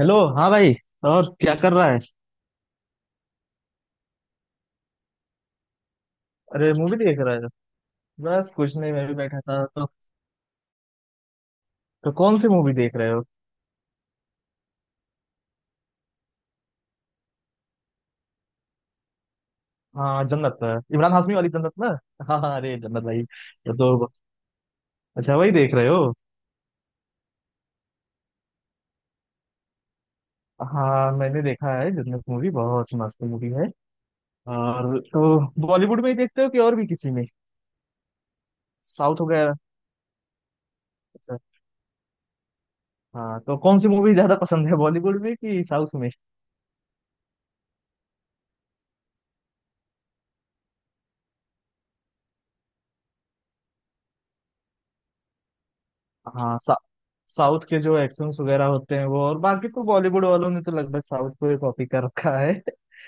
Hello, हाँ भाई। और क्या कर रहा है? अरे, मूवी देख रहे हो? बस कुछ नहीं, मैं भी बैठा था तो। कौन सी मूवी देख रहे हो? हाँ जन्नत। इमरान हाशमी वाली जन्नत ना हाँ हाँ, अरे जन्नत भाई ये तो। अच्छा वही देख रहे हो। हाँ मैंने देखा है, जन्नत मूवी बहुत मस्त मूवी है। और तो बॉलीवुड में ही देखते हो कि और भी किसी में? साउथ वगैरह? अच्छा। हाँ तो कौन सी मूवी ज्यादा पसंद है, बॉलीवुड में कि साउथ में? हाँ सा, साउथ के जो एक्शंस वगैरह होते हैं वो, और बाकी तो बॉलीवुड वालों ने तो लगभग साउथ को ही कॉपी कर रखा है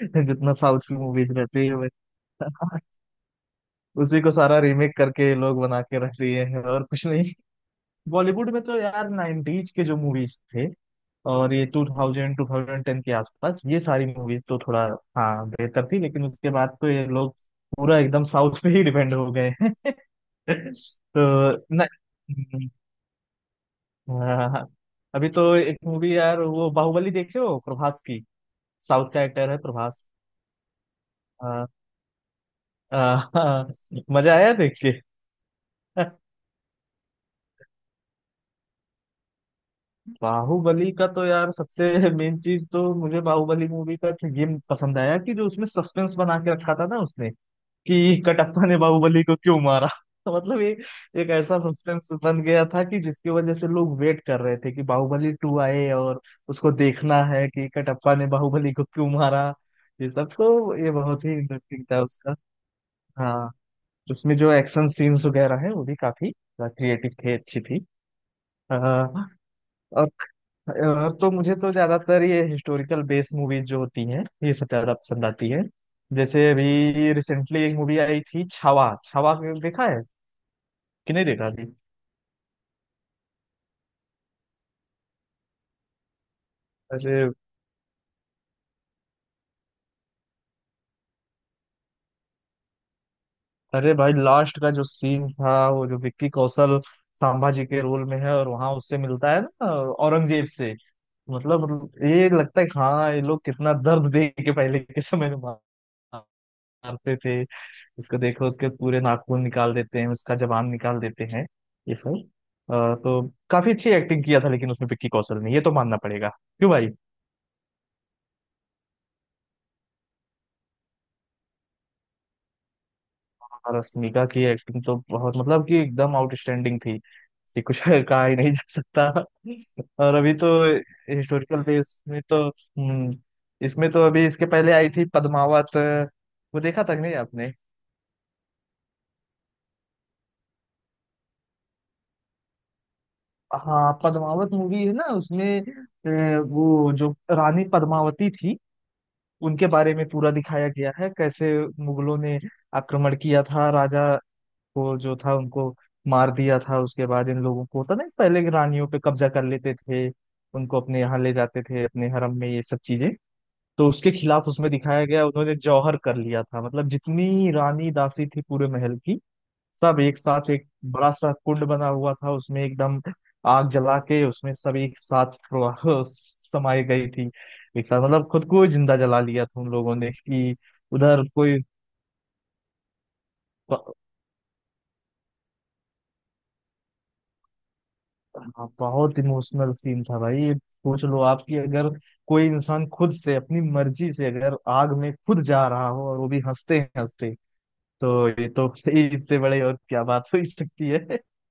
जितना साउथ की मूवीज रहती है वैसा। उसी को सारा रीमेक करके ये लोग बना के रख दिए हैं, और कुछ नहीं। बॉलीवुड में तो यार 90s के जो मूवीज थे, और ये 2000 2010 के आसपास ये सारी मूवीज तो थोड़ा, हाँ, बेहतर थी, लेकिन उसके बाद तो ये लोग पूरा एकदम साउथ पे ही डिपेंड हो गए हैं तो न, हम्म। हाँ। अभी तो एक मूवी यार वो बाहुबली देखे हो प्रभास की? साउथ का एक्टर है प्रभास। हाँ हाँ, मजा आया देख के। बाहुबली का तो यार सबसे मेन चीज तो मुझे बाहुबली मूवी का ये पसंद आया कि जो उसमें सस्पेंस बना के रखा था ना उसने, कि कटप्पा ने बाहुबली को क्यों मारा। तो मतलब ये एक ऐसा सस्पेंस बन गया था कि जिसकी वजह से लोग वेट कर रहे थे कि बाहुबली टू आए और उसको देखना है कि कटप्पा ने बाहुबली को क्यों मारा। ये सब तो ये बहुत ही इंटरेस्टिंग था उसका। हाँ, उसमें जो एक्शन सीन्स वगैरह है वो भी काफी क्रिएटिव थे, अच्छी थी। हाँ, और और तो मुझे तो ज्यादातर ये हिस्टोरिकल बेस्ड मूवीज जो होती हैं ये सब ज्यादा पसंद आती है। जैसे अभी रिसेंटली एक मूवी आई थी छावा, छावा को देखा है कि नहीं देखा अभी? अरे अरे भाई लास्ट का जो सीन था वो, जो विक्की कौशल संभाजी के रोल में है और वहां उससे मिलता है ना, औरंगजेब से, मतलब ये लगता है कि हाँ ये लोग कितना दर्द दे के पहले के समय में मारते थे। इसको देखो, उसके पूरे नाखून निकाल देते हैं, उसका जबान निकाल देते हैं ये सब। अ, तो काफी अच्छी एक्टिंग किया था लेकिन उसमें विक्की कौशल ने, ये तो मानना पड़ेगा, क्यों भाई? और रश्मिका की एक्टिंग तो बहुत, मतलब कि एकदम आउटस्टैंडिंग थी, इससे कुछ कहा ही नहीं जा सकता। और अभी तो हिस्टोरिकल बेस में तो इसमें तो अभी इसके पहले आई थी पद्मावत। वो देखा था कि नहीं आपने? हाँ, पद्मावत मूवी है ना, उसमें वो जो रानी पद्मावती थी उनके बारे में पूरा दिखाया गया है, कैसे मुगलों ने आक्रमण किया था, राजा को जो था उनको मार दिया था, उसके बाद इन लोगों को होता नहीं, पहले की रानियों पे कब्जा कर लेते थे, उनको अपने यहाँ ले जाते थे, अपने हरम में ये सब चीजें। तो उसके खिलाफ उसमें दिखाया गया, उन्होंने जौहर कर लिया था। मतलब जितनी रानी दासी थी पूरे महल की, सब एक साथ, एक बड़ा सा कुंड बना हुआ था उसमें, एकदम आग जला के उसमें सब एक साथ समाई गई थी। एक साथ मतलब खुद को जिंदा जला लिया था उन लोगों ने कि उधर कोई। ब- हाँ, बहुत इमोशनल सीन था भाई। सोच लो आपकी, अगर कोई इंसान खुद से अपनी मर्जी से अगर आग में खुद जा रहा हो, और वो भी हंसते हंसते, तो ये तो इससे बड़े और क्या बात हो ही सकती है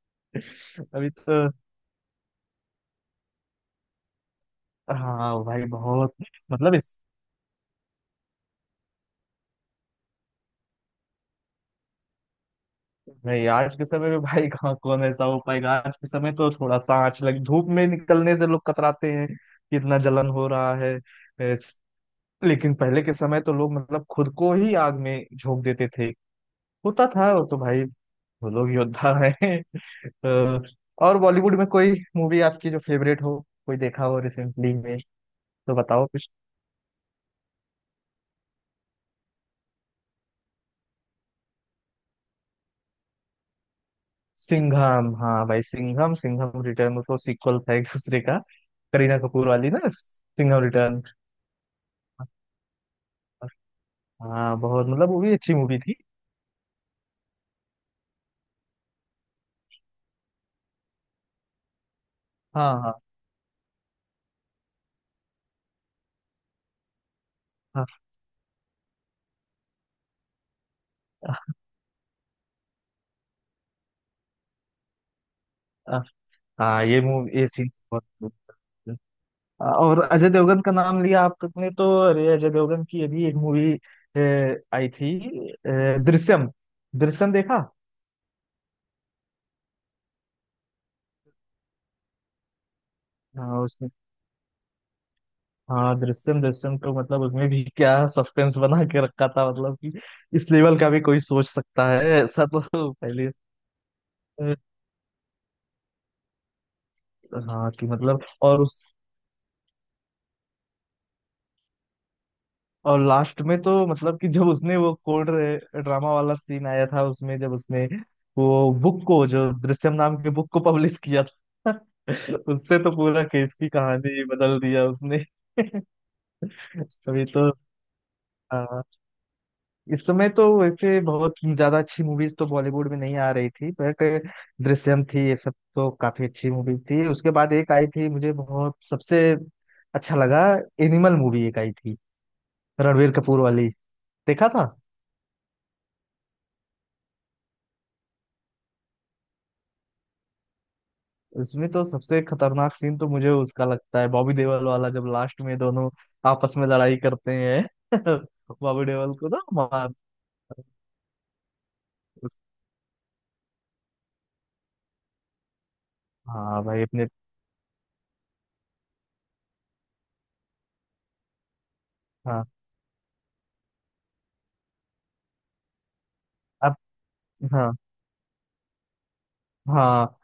अभी तो हाँ भाई बहुत, मतलब नहीं, आज के समय में भाई कहाँ कौन ऐसा हो पाएगा? आज के समय तो थोड़ा सा आंच लग, धूप में निकलने से लोग कतराते हैं कि इतना जलन हो रहा है। एस- लेकिन पहले के समय तो लोग मतलब खुद को ही आग में झोंक देते थे, होता था वो तो भाई। वो लोग योद्धा हैं। अ, और बॉलीवुड में कोई मूवी आपकी जो फेवरेट हो, कोई देखा हो रिसेंटली में तो बताओ कुछ। सिंघम, हाँ भाई सिंघम, सिंघम रिटर्न तो सीक्वल था एक दूसरे का। करीना कपूर वाली ना सिंघम रिटर्न। हाँ बहुत, मतलब वो भी अच्छी मूवी थी। हाँ हाँ हाँ हाँ हाँ, ये मूवी, ये सीन बहुत। और अजय देवगन का नाम लिया आपने तो अरे, अजय देवगन की अभी एक मूवी आई थी, दृश्यम। दृश्यम देखा? हाँ उसने। हाँ दृश्यम, दृश्यम तो मतलब उसमें भी क्या सस्पेंस बना के रखा था, मतलब कि इस लेवल का भी कोई सोच सकता है ऐसा तो पहले। अ, हाँ, कि मतलब और उस, और लास्ट में तो मतलब कि जब उसने वो कोर्ट ड्रामा वाला सीन आया था उसमें, जब उसने वो बुक को, जो दृश्यम नाम के बुक को पब्लिश किया था उससे तो पूरा केस की कहानी बदल दिया उसने। अभी तो हाँ, इस समय तो वैसे बहुत ज्यादा अच्छी मूवीज तो बॉलीवुड में नहीं आ रही थी, बट दृश्यम थी, ये सब तो काफी अच्छी मूवीज थी। उसके बाद एक आई थी मुझे बहुत सबसे अच्छा लगा, एनिमल मूवी एक आई थी, रणवीर कपूर वाली देखा था? उसमें तो सबसे खतरनाक सीन तो मुझे उसका लगता है, बॉबी देओल वाला, जब लास्ट में दोनों आपस में लड़ाई करते हैं। बॉबी देओल को ना मार, उस, हाँ भाई अपने, हाँ, अब, हाँ, हाँ।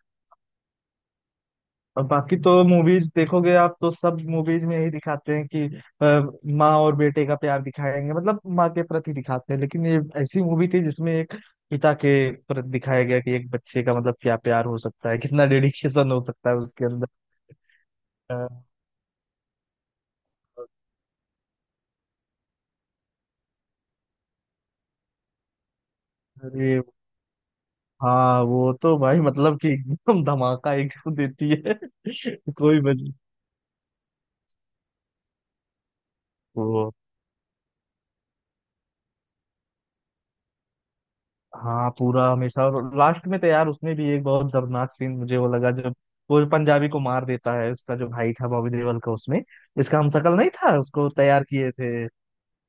और बाकी तो मूवीज देखोगे आप तो सब मूवीज में यही दिखाते हैं कि माँ और बेटे का प्यार दिखाएंगे, मतलब माँ के प्रति दिखाते हैं, लेकिन ये ऐसी मूवी थी जिसमें एक पिता के प्रति दिखाया गया कि एक बच्चे का मतलब क्या प्यार हो सकता है, कितना डेडिकेशन हो सकता है उसके अंदर। अ, अरे, हाँ वो तो भाई, मतलब कि एकदम धमाका एकदम देती है कोई वजह। वो हाँ, पूरा हमेशा। और लास्ट में तो यार उसमें भी एक बहुत दर्दनाक सीन मुझे वो लगा, जब वो पंजाबी को मार देता है, उसका जो भाई था बॉबी देओल का, उसमें इसका हमशक्ल नहीं था, उसको तैयार किए थे।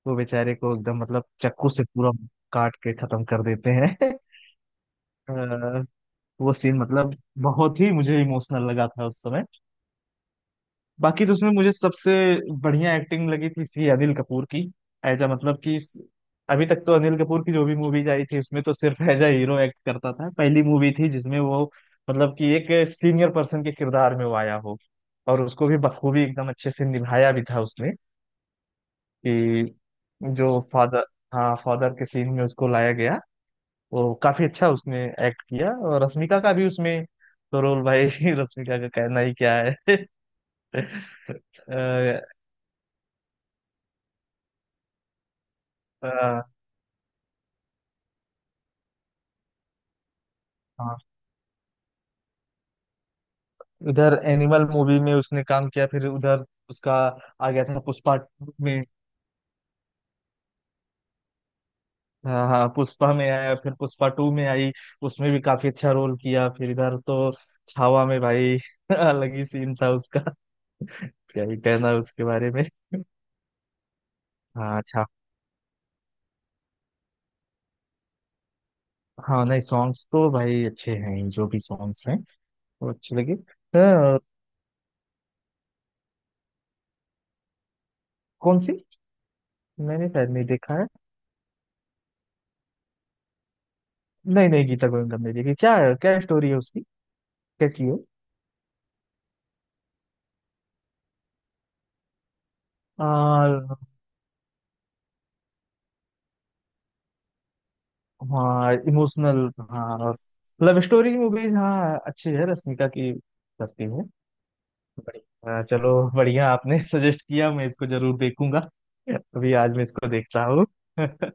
वो बेचारे को एकदम, मतलब, चाकू से पूरा काट के खत्म कर देते हैं अ, वो सीन मतलब बहुत ही मुझे इमोशनल लगा था उस समय। बाकी तो उसमें मुझे सबसे बढ़िया एक्टिंग लगी थी सी अनिल कपूर की। एज अ मतलब कि इस- अभी तक तो अनिल कपूर की जो भी मूवीज आई थी उसमें तो सिर्फ एज अ हीरो एक्ट करता था, पहली मूवी थी जिसमें वो मतलब कि एक सीनियर पर्सन के किरदार में वो आया हो, और उसको भी बखूबी एकदम अच्छे से निभाया भी था उसने, कि जो फादर, हाँ फादर के सीन में उसको लाया गया। वो काफी अच्छा उसने एक्ट किया, और रश्मिका का भी उसमें तो रोल भाई रश्मिका का कहना ही क्या है। अ, अ, हाँ, इधर एनिमल मूवी में उसने काम किया, फिर उधर उसका आ गया था पुष्पा टू में। हाँ हाँ, पुष्पा में आया, फिर पुष्पा टू में आई, उसमें भी काफी अच्छा रोल किया। फिर इधर तो छावा में भाई अलग ही सीन था उसका, क्या ही कहना उसके बारे में। हाँ अच्छा। हाँ नहीं, सॉन्ग्स तो भाई अच्छे हैं ही, जो भी सॉन्ग्स हैं वो अच्छे लगे। कौन सी? मैंने शायद नहीं देखा है। नहीं नहीं, गीता गोविंदम नहीं देखी क्या? क्या स्टोरी है उसकी, कैसी है? आ, हाँ इमोशनल, हाँ। लव स्टोरी मूवीज, हाँ, अच्छी है रश्मिका की, करती है। बढ़िया, चलो, बढ़िया आपने सजेस्ट किया, मैं इसको जरूर देखूंगा। अभी आज मैं इसको देख रहा हूँ।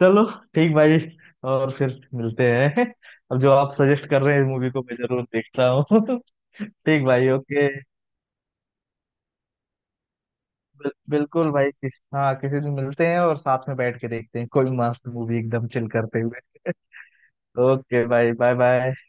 चलो ठीक भाई, और फिर मिलते हैं। अब जो आप सजेस्ट कर रहे हैं मूवी को मैं जरूर देखता हूँ। ठीक भाई, ओके। बिल्कुल भाई, हाँ किसी दिन मिलते हैं और साथ में बैठ के देखते हैं कोई मस्त मूवी एकदम चिल करते हुए। ओके भाई, बाय बाय।